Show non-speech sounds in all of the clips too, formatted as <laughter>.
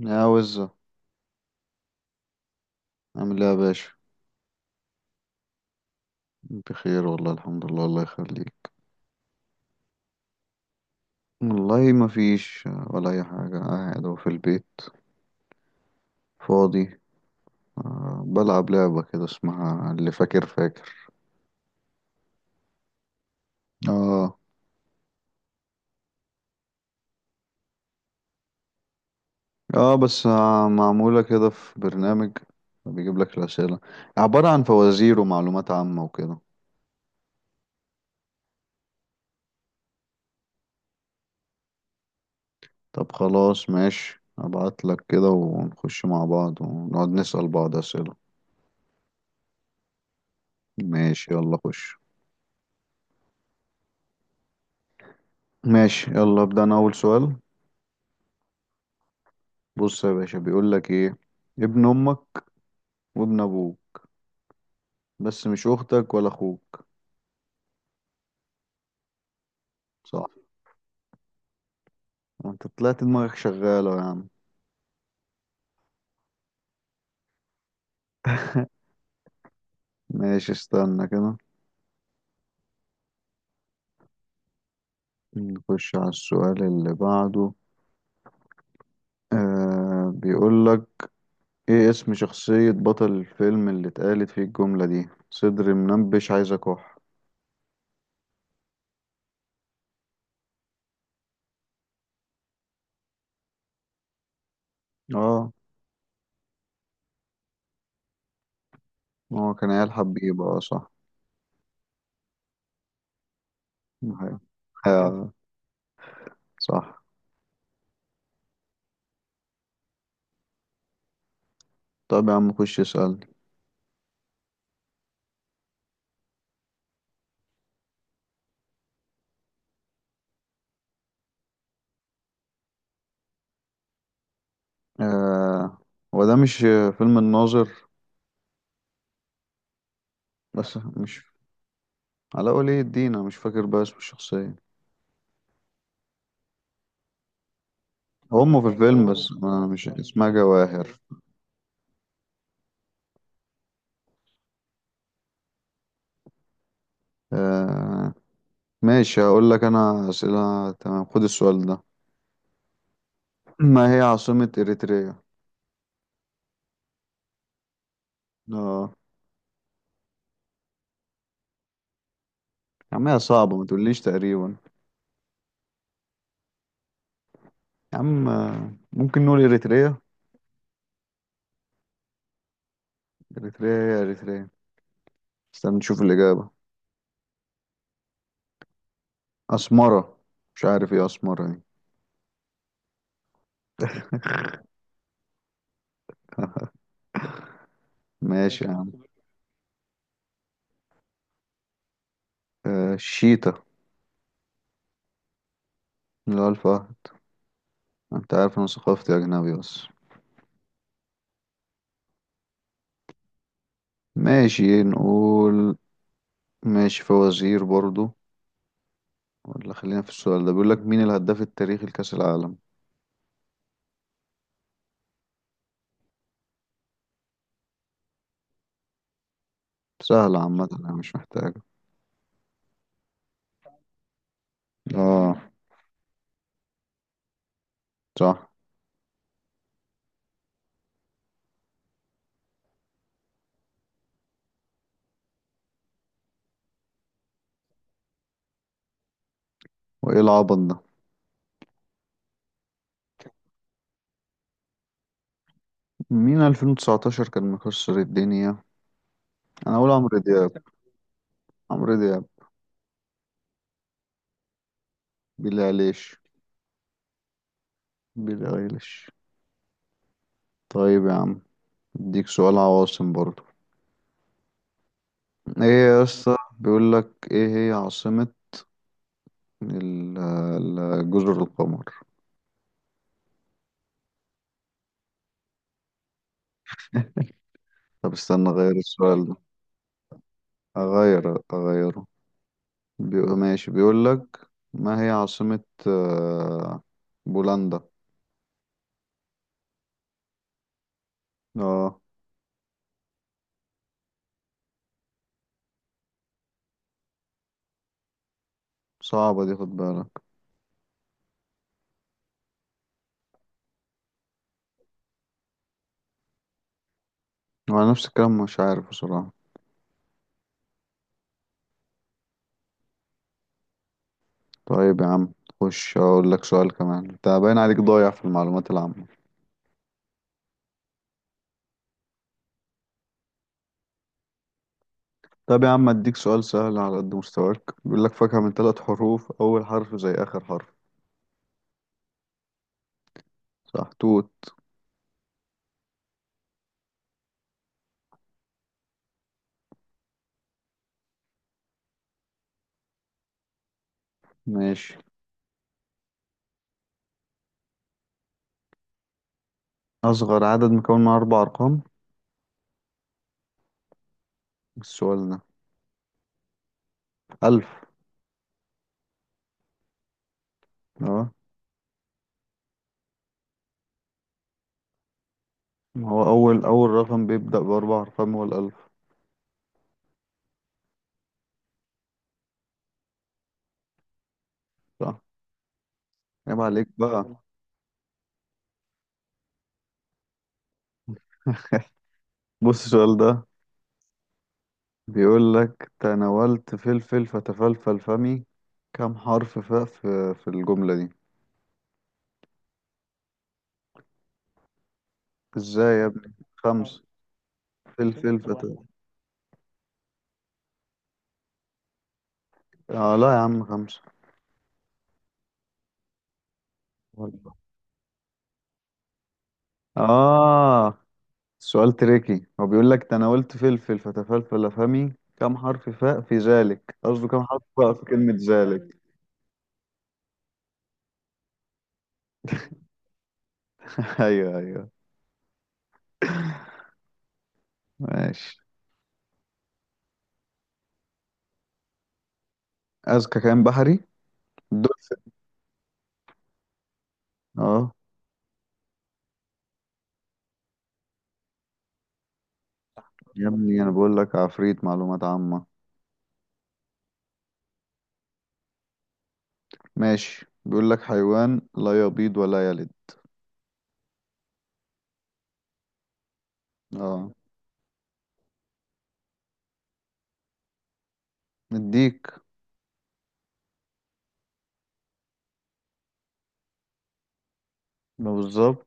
يا وزة. عامل ايه يا باشا؟ بخير والله، الحمد لله، الله يخليك. والله ما فيش ولا اي حاجة، قاعد أهو في البيت فاضي. بلعب لعبة كده اسمها اللي فاكر فاكر. اه. اه بس معمولة كده في برنامج بيجيب لك الأسئلة، عبارة عن فوازير ومعلومات عامة وكده. طب خلاص ماشي، ابعت لك كده ونخش مع بعض ونقعد نسأل بعض أسئلة. ماشي يلا خش. ماشي يلا ابدأ انا أول سؤال. بص يا باشا، بيقول لك ايه؟ ابن امك وابن ابوك بس مش اختك ولا اخوك. صح. انت طلعت دماغك شغالة يا عم. <laughs> ماشي استنى كده، نخش على السؤال اللي بعده. آه بيقول لك ايه اسم شخصية بطل الفيلم اللي اتقالت فيه الجملة دي: صدري منبش عايز اكح. اه هو كان عيال حبيبة، اه صح. أيوة. آه صح. طب يا عم خش اسألني. آه هو ده مش فيلم الناظر؟ بس مش علاء ولي الدين، انا مش فاكر بقى اسم الشخصية. هم في الفيلم بس انا مش اسمها جواهر. آه ماشي، هقول لك انا اسئلة، تمام خد السؤال ده. <clears throat> ما هي عاصمة اريتريا؟ اه. يا عم هي صعبة، ما تقوليش تقريبا. يا عم ممكن نقول اريتريا. اريتريا هي اريتريا. استنى نشوف الإجابة. اسمرة. مش عارف ايه اسمرة دي. <laughs> ماشي يا عم. آه الشيتا، اللي هو الفهد. انت عارف انا ثقافتي اجنبي بس. ماشي نقول. ماشي فوازير برضو، ولا خلينا في السؤال ده؟ بيقول لك مين الهداف التاريخي لكأس العالم. سهلة عامة أنا مش محتاجة. اه صح. وايه العبط ده؟ مين 2019 كان مكسر الدنيا؟ انا اقول عمرو دياب. عمرو دياب. بيلي ايليش. بيلي ايليش. طيب يا عم، اديك سؤال عواصم برضو. ايه يا اسطى، بيقول لك ايه هي عاصمة جزر القمر. <laughs> طب استنى اغير السؤال ده، اغير اغيره. بيقول ماشي، بيقول لك ما هي عاصمة آه، بولندا. اه صعبة دي خد بالك. وانا نفس الكلام، مش عارف بصراحة. طيب يا عم خش اقول لك سؤال كمان، انت باين عليك ضايع في المعلومات العامة. طب يا عم اديك سؤال سهل على قد مستواك، بيقول لك فاكهة من ثلاث حروف اول حرف زي اخر حرف. صح توت. ماشي. اصغر عدد مكون من اربع ارقام؟ السؤال ده الف. اه ما هو اول رقم بيبدأ باربع ارقام هو الالف. صح. عيب عليك بقى. بص السؤال ده بيقول لك: تناولت فلفل فتفلفل فمي، كم حرف فاء في الجملة دي؟ ازاي يا ابني؟ خمسة. فلفل فلفل فت... واحد. اه لا يا عم خمسة. اه سؤال تريكي، هو بيقول لك تناولت فلفل فتفلفل فمي كم حرف فاء في ذلك، قصده كم حرف فاء في كلمة ذلك. <laughs> ايوه ايوه. ماشي. اذكى كائن بحري؟ الدولفين. اه. يا ابني انا بقول لك عفريت معلومات عامة. ماشي بيقول لك حيوان لا يبيض ولا يلد. اه مديك. ما بالظبط.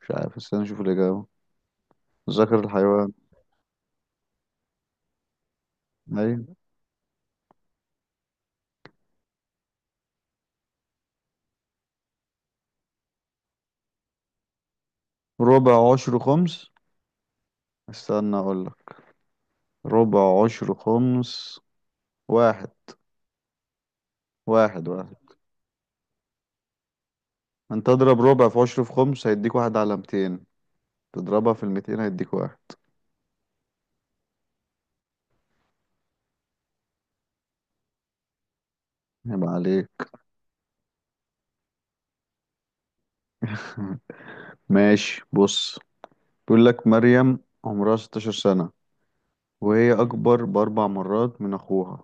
مش عارف، استنى اشوف الإجابة. ذكر الحيوان. ايوه. ربع عشر خمس؟ استنى اقول لك. ربع عشر خمس، واحد. واحد واحد. انت تضرب ربع في عشر في خمس هيديك واحد على 200، تضربها في الميتين هيديك واحد. يبقى عليك. <laughs> ماشي بص، بيقول لك مريم عمرها 16 سنة، وهي أكبر بأربع مرات من أخوها.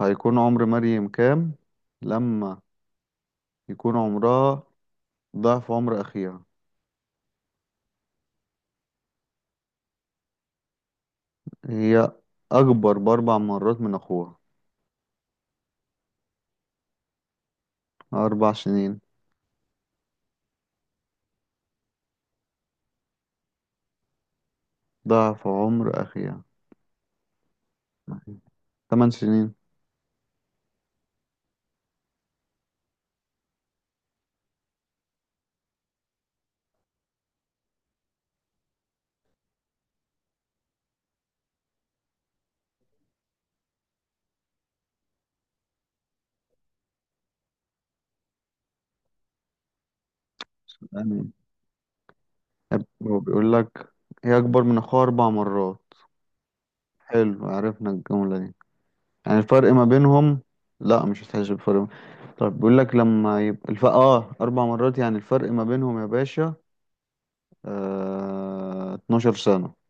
هيكون عمر مريم كام لما يكون عمرها ضعف عمر أخيها؟ هي أكبر بأربع مرات من أخوها. أربع سنين. ضعف عمر أخيها. تمن سنين. يعني هو بيقول لك هي أكبر من أخوها أربع مرات. حلو عرفنا الجملة دي. يعني الفرق ما بينهم. لا مش هتحسب فرق. طب بيقول لك لما يبقى الف... اه أربع مرات يعني الفرق ما بينهم يا باشا، 12 سنة.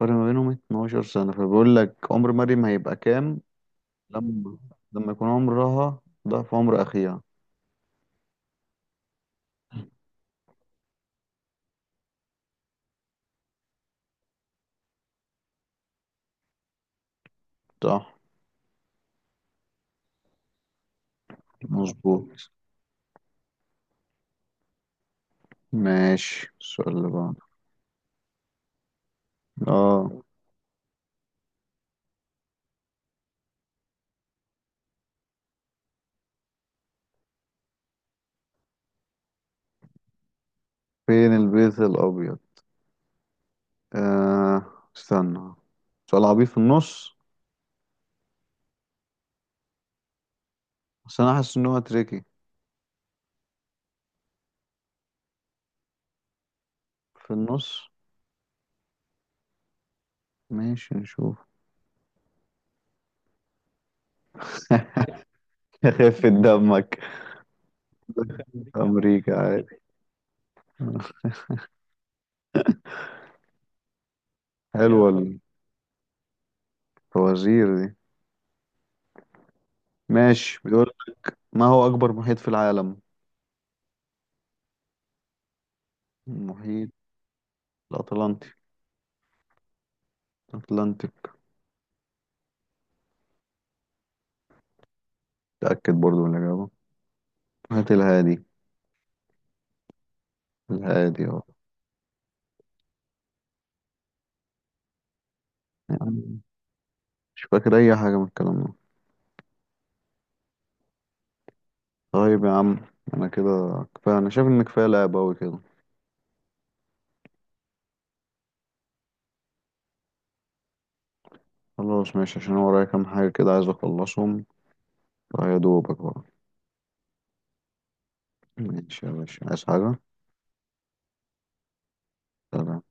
فرق ما بينهم 12 سنة، فبقول لك عمر مريم هيبقى كام لما لما يكون عمرها ضعف عمر أخيها. صح مظبوط. ماشي السؤال اللي بعده. اه فين البيت الأبيض؟ آه استنى. سؤال عبيط في النص. بس أنا حاسس إن هو تريكي. في النص. ماشي نشوف. <laughs> خف دمك. أمريكا عادي. حلوة الفوازير دي. ماشي بيقول ما هو أكبر محيط في العالم؟ المحيط الأطلنطي. أتلانتيك. تأكد برضو من الإجابة. هات الهادي. الهادي اه. يعني مش فاكر أي حاجة من الكلام ده. طيب يا عم، أنا كده كفاية، أنا شايف إن كفاية لعب أوي كده. خلاص ماشي عشان أنا ورايا كام حاجة كده عايز أخلصهم، فيا دوبك بقى. ماشي يا باشا، عايز حاجة؟ سلام.